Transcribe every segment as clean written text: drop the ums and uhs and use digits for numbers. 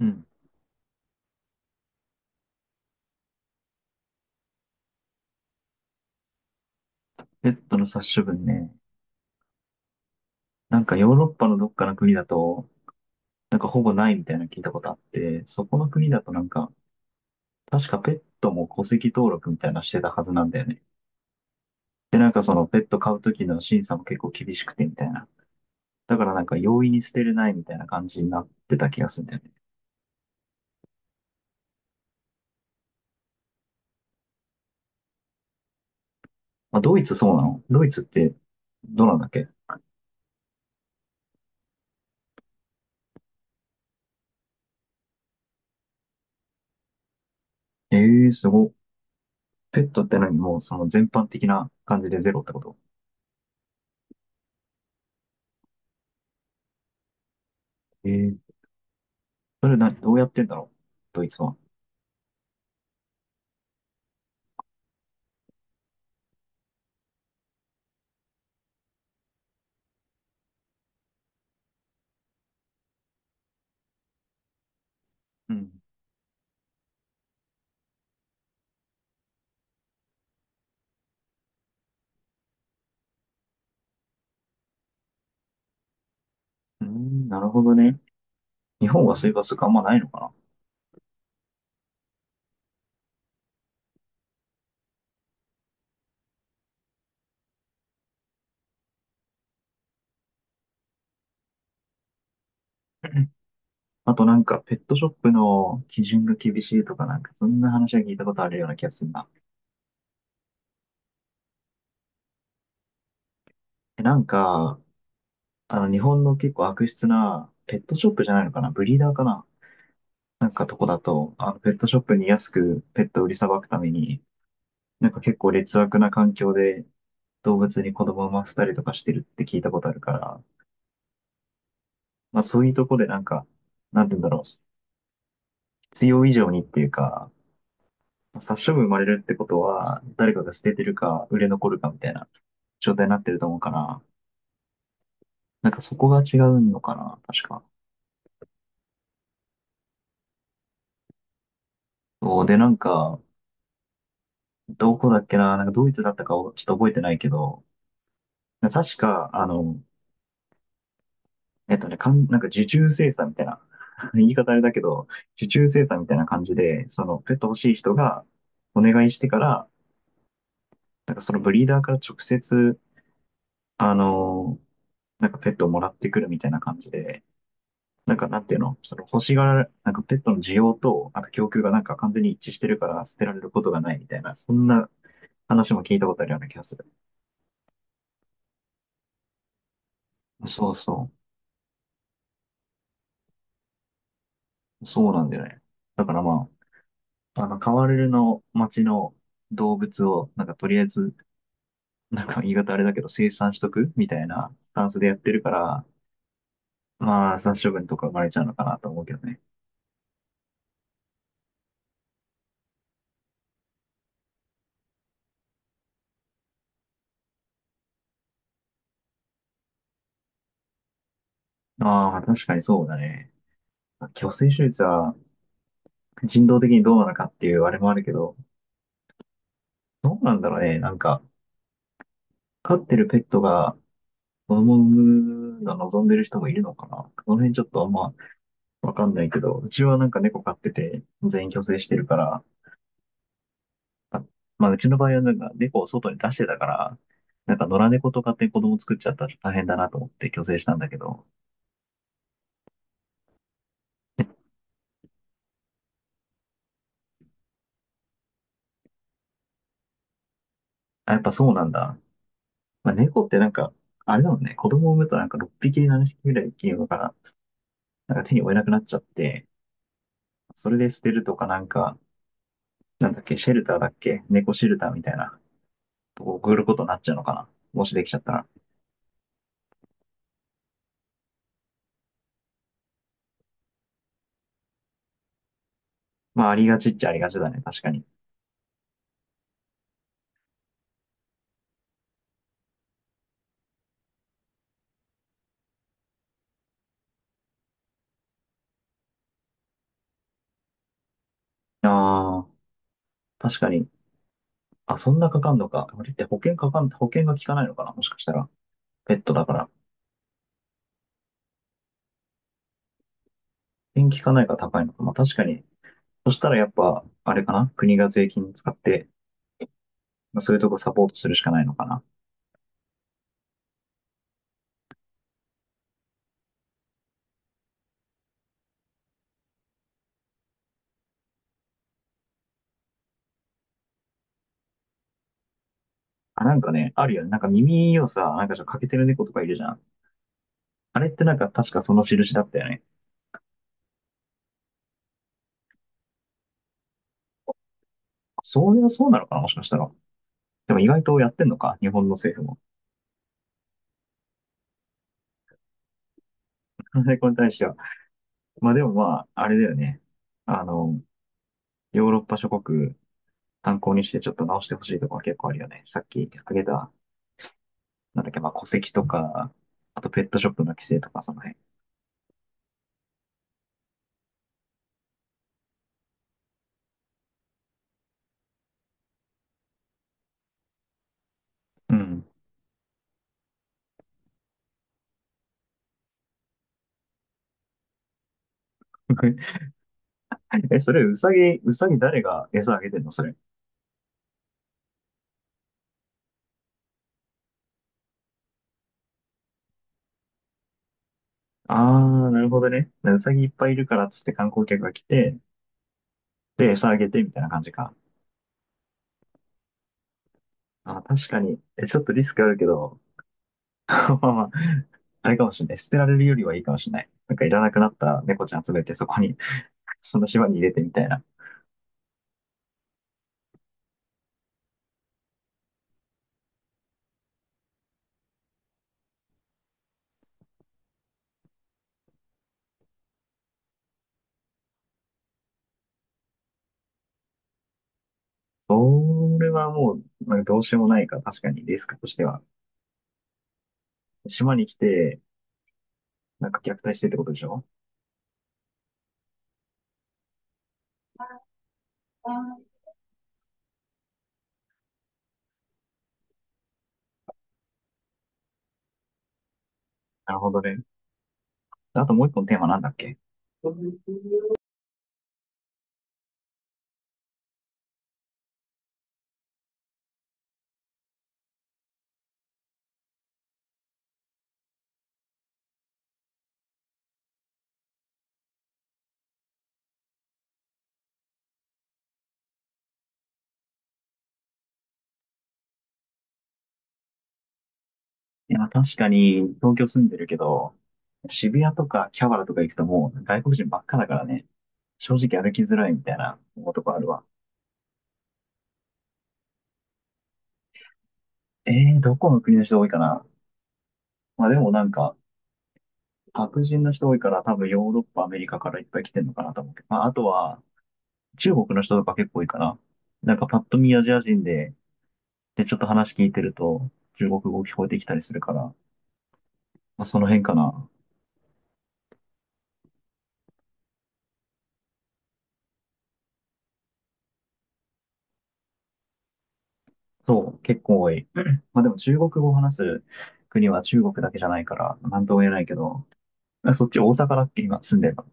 うん。ペットの殺処分ね。なんかヨーロッパのどっかの国だと、なんかほぼないみたいなの聞いたことあって、そこの国だとなんか、確かペットも戸籍登録みたいなのしてたはずなんだよね。で、なんかそのペット飼う時の審査も結構厳しくてみたいな。だからなんか容易に捨てれないみたいな感じになってた気がするんだよね。まあ、ドイツそうなの。ドイツってどうなんだっけ？ええー、すごっ。ペットって何？もうその全般的な感じでゼロってこと？ええー、それな、どうやってんだろう、ドイツは。うん。うーん、なるほどね。日本はそういう罰則あんまないのかな。 あとなんか、ペットショップの基準が厳しいとかなんか、そんな話は聞いたことあるような気がするな。なんか、あの、日本の結構悪質な、ペットショップじゃないのかな、ブリーダーかな、なんかとこだと、あの、ペットショップに安くペットを売りさばくために、なんか結構劣悪な環境で動物に子供を産ませたりとかしてるって聞いたことあるから、まあそういうとこでなんか、なんて言うんだろう。必要以上にっていうか、殺処分生まれるってことは、誰かが捨ててるか、売れ残るかみたいな状態になってると思うから、なんかそこが違うのかな、確か。そうで、なんか、どこだっけな、なんかドイツだったかをちょっと覚えてないけど、確か、あの、なんか受注生産みたいな、言い方あれだけど、受注生産みたいな感じで、そのペット欲しい人がお願いしてから、なんかそのブリーダーから直接、あの、なんかペットをもらってくるみたいな感じで、なんか、なんていうの、その欲しがら、なんかペットの需要と、あと供給がなんか完全に一致してるから捨てられることがないみたいな、そんな話も聞いたことあるような気がする。そうそう。そうなんだよね。だからまあ、あの、カワレルの町の動物を、なんかとりあえず、なんか言い方あれだけど生産しとくみたいなスタンスでやってるから、まあ、殺処分とか生まれちゃうのかなと思うけどね。ああ、確かにそうだね。去勢手術は人道的にどうなのかっていうあれもあるけど、どうなんだろうね。なんか、飼ってるペットが子供を産むの望んでる人もいるのかな。この辺ちょっとあんまわかんないけど、うちはなんか猫飼ってて全員去勢してるから、あまあうちの場合はなんか猫を外に出してたから、なんか野良猫とかって子供作っちゃったら大変だなと思って去勢したんだけど、あ、やっぱそうなんだ。まあ、猫ってなんか、あれだもんね、子供を産むとなんか6匹、7匹ぐらい生きるのから、なんか手に負えなくなっちゃって、それで捨てるとかなんか、なんだっけ、シェルターだっけ、猫シェルターみたいな送ることになっちゃうのかな。もしできちゃったら。まあ、ありがちっちゃありがちだね。確かに。ああ、確かに。あ、そんなかかんのか。あれって保険が効かないのかな。もしかしたら。ペットだから。保険効かないから高いのか。まあ、確かに。そしたらやっぱ、あれかな。国が税金使って、まあ、そういうとこサポートするしかないのかな。あ、なんかね、あるよね。なんか耳をさ、なんかちょっと欠けてる猫とかいるじゃん。あれってなんか確かその印だったよね。そういう、そうなのかな、もしかしたら。でも意外とやってんのか、日本の政府も。これに対しては。まあでもまあ、あれだよね。あの、ヨーロッパ諸国参考にしてちょっと直してほしいとこは結構あるよね。さっき挙げた、なんだっけ、まあ戸籍とか、あとペットショップの規制とかその辺。うん。え、それ、うさぎ、うさぎ誰が餌あげてんの、それ？ああ、なるほどね。うさぎいっぱいいるからっつって観光客が来て、で、餌あげてみたいな感じか。あー、確かに。え、ちょっとリスクあるけど、まあまあ、あれかもしれない。捨てられるよりはいいかもしれない。なんかいらなくなった猫ちゃん集めてそこに、その島に入れてみたいな。それはもう、なんかどうしようもないか、確かにリスクとしては。島に来て、なんか虐待してってことでしょ？なるほどね。あともう一個のテーマなんだっけ？いや、確かに東京住んでるけど、渋谷とかキャバラとか行くともう外国人ばっかだからね、正直歩きづらいみたいな思とこあるわ。えどこの国の人多いかな。まあでもなんか、白人の人多いから多分ヨーロッパ、アメリカからいっぱい来てんのかなと思うけど、まああとは中国の人とか結構多いかな。なんかパッと見アジア人で、で、ちょっと話聞いてると、中国語聞こえてきたりするから、まあ、その辺かな。そう、結構多い。まあでも中国語を話す国は中国だけじゃないから、なんとも言えないけど、まあそっち大阪だっけ、今住んでるの？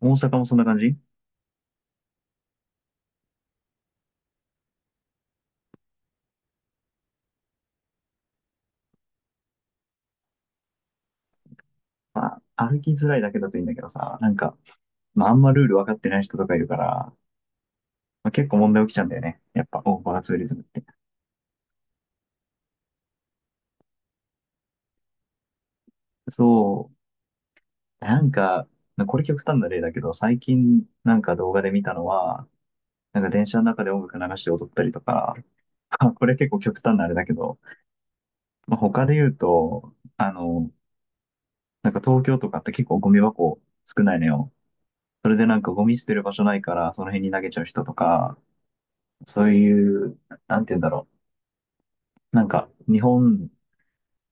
大阪もそんな感じ？まあ、歩きづらいだけだといいんだけどさ、なんか、まああんまルール分かってない人とかいるから、まあ、結構問題起きちゃうんだよね。やっぱ、オーバーツーリズムって。そう、なんか、これ極端な例だけど、最近なんか動画で見たのは、なんか電車の中で音楽流して踊ったりとか、これ結構極端なあれだけど、まあ、他で言うと、あの、なんか東京とかって結構ゴミ箱少ないのよ。それでなんかゴミ捨てる場所ないからその辺に投げちゃう人とか、そういう、なんて言うんだろう。なんか日本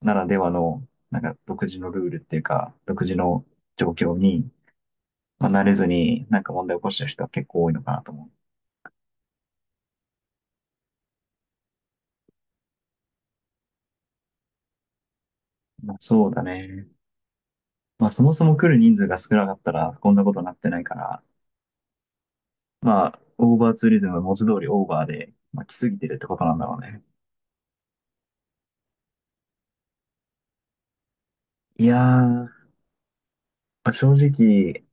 ならではの、なんか独自のルールっていうか、独自の状況に、まあ、慣れずになんか問題を起こしてる人は結構多いのかなと思う。まあ、そうだね。まあそもそも来る人数が少なかったらこんなことになってないから、まあ、オーバーツーリズムの文字通りオーバーで、まあ、来すぎてるってことなんだろうね。いやー、まあ、正直、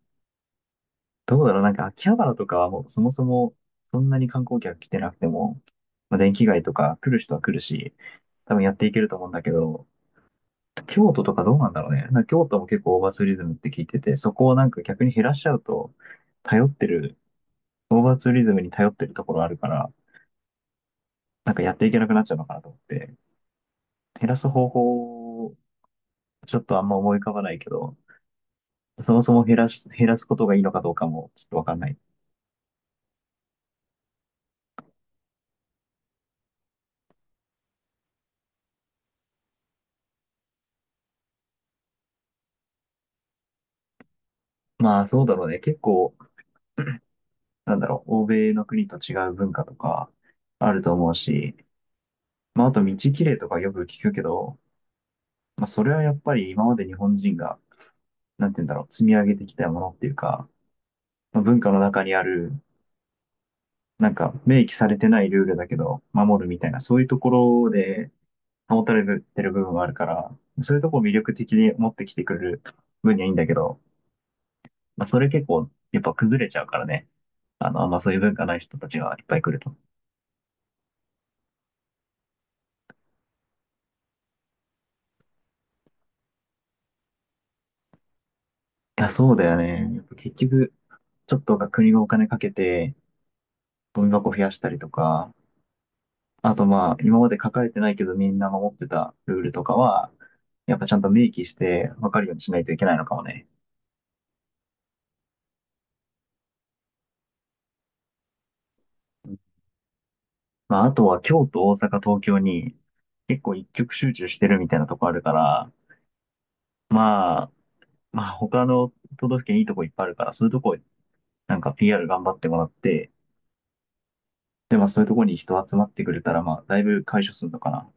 どうだろう、なんか秋葉原とかはもうそもそもそんなに観光客来てなくても、まあ、電気街とか来る人は来るし、多分やっていけると思うんだけど、京都とかどうなんだろうね。なんか京都も結構オーバーツーリズムって聞いてて、そこをなんか逆に減らしちゃうと、頼ってる、オーバーツーリズムに頼ってるところあるから、なんかやっていけなくなっちゃうのかなと思って、減らす方法、ちょっとあんま思い浮かばないけど、そもそも減らすことがいいのかどうかもちょっとわかんない。まあそうだろうね。結構、なんだろう、欧米の国と違う文化とかあると思うし、まああと道きれいとかよく聞くけど、まあそれはやっぱり今まで日本人が、なんて言うんだろう、積み上げてきたものっていうか、まあ文化の中にある、なんか明記されてないルールだけど守るみたいな、そういうところで保たれてる部分はあるから、そういうとこを魅力的に持ってきてくれる分にはいいんだけど、まあそれ結構やっぱ崩れちゃうからね。あの、あんまそういう文化ない人たちがいっぱい来ると。いや、そうだよね。やっぱ結局、ちょっとが国がお金かけて、ゴミ箱増やしたりとか、あとまあ、今まで書かれてないけどみんな守ってたルールとかは、やっぱちゃんと明記して分かるようにしないといけないのかもね。まあ、あとは京都、大阪、東京に結構一極集中してるみたいなとこあるから、まあ、まあ他の都道府県いいとこいっぱいあるから、そういうとこなんか PR 頑張ってもらって、で、まあそういうとこに人集まってくれたら、まあだいぶ解消するのかな。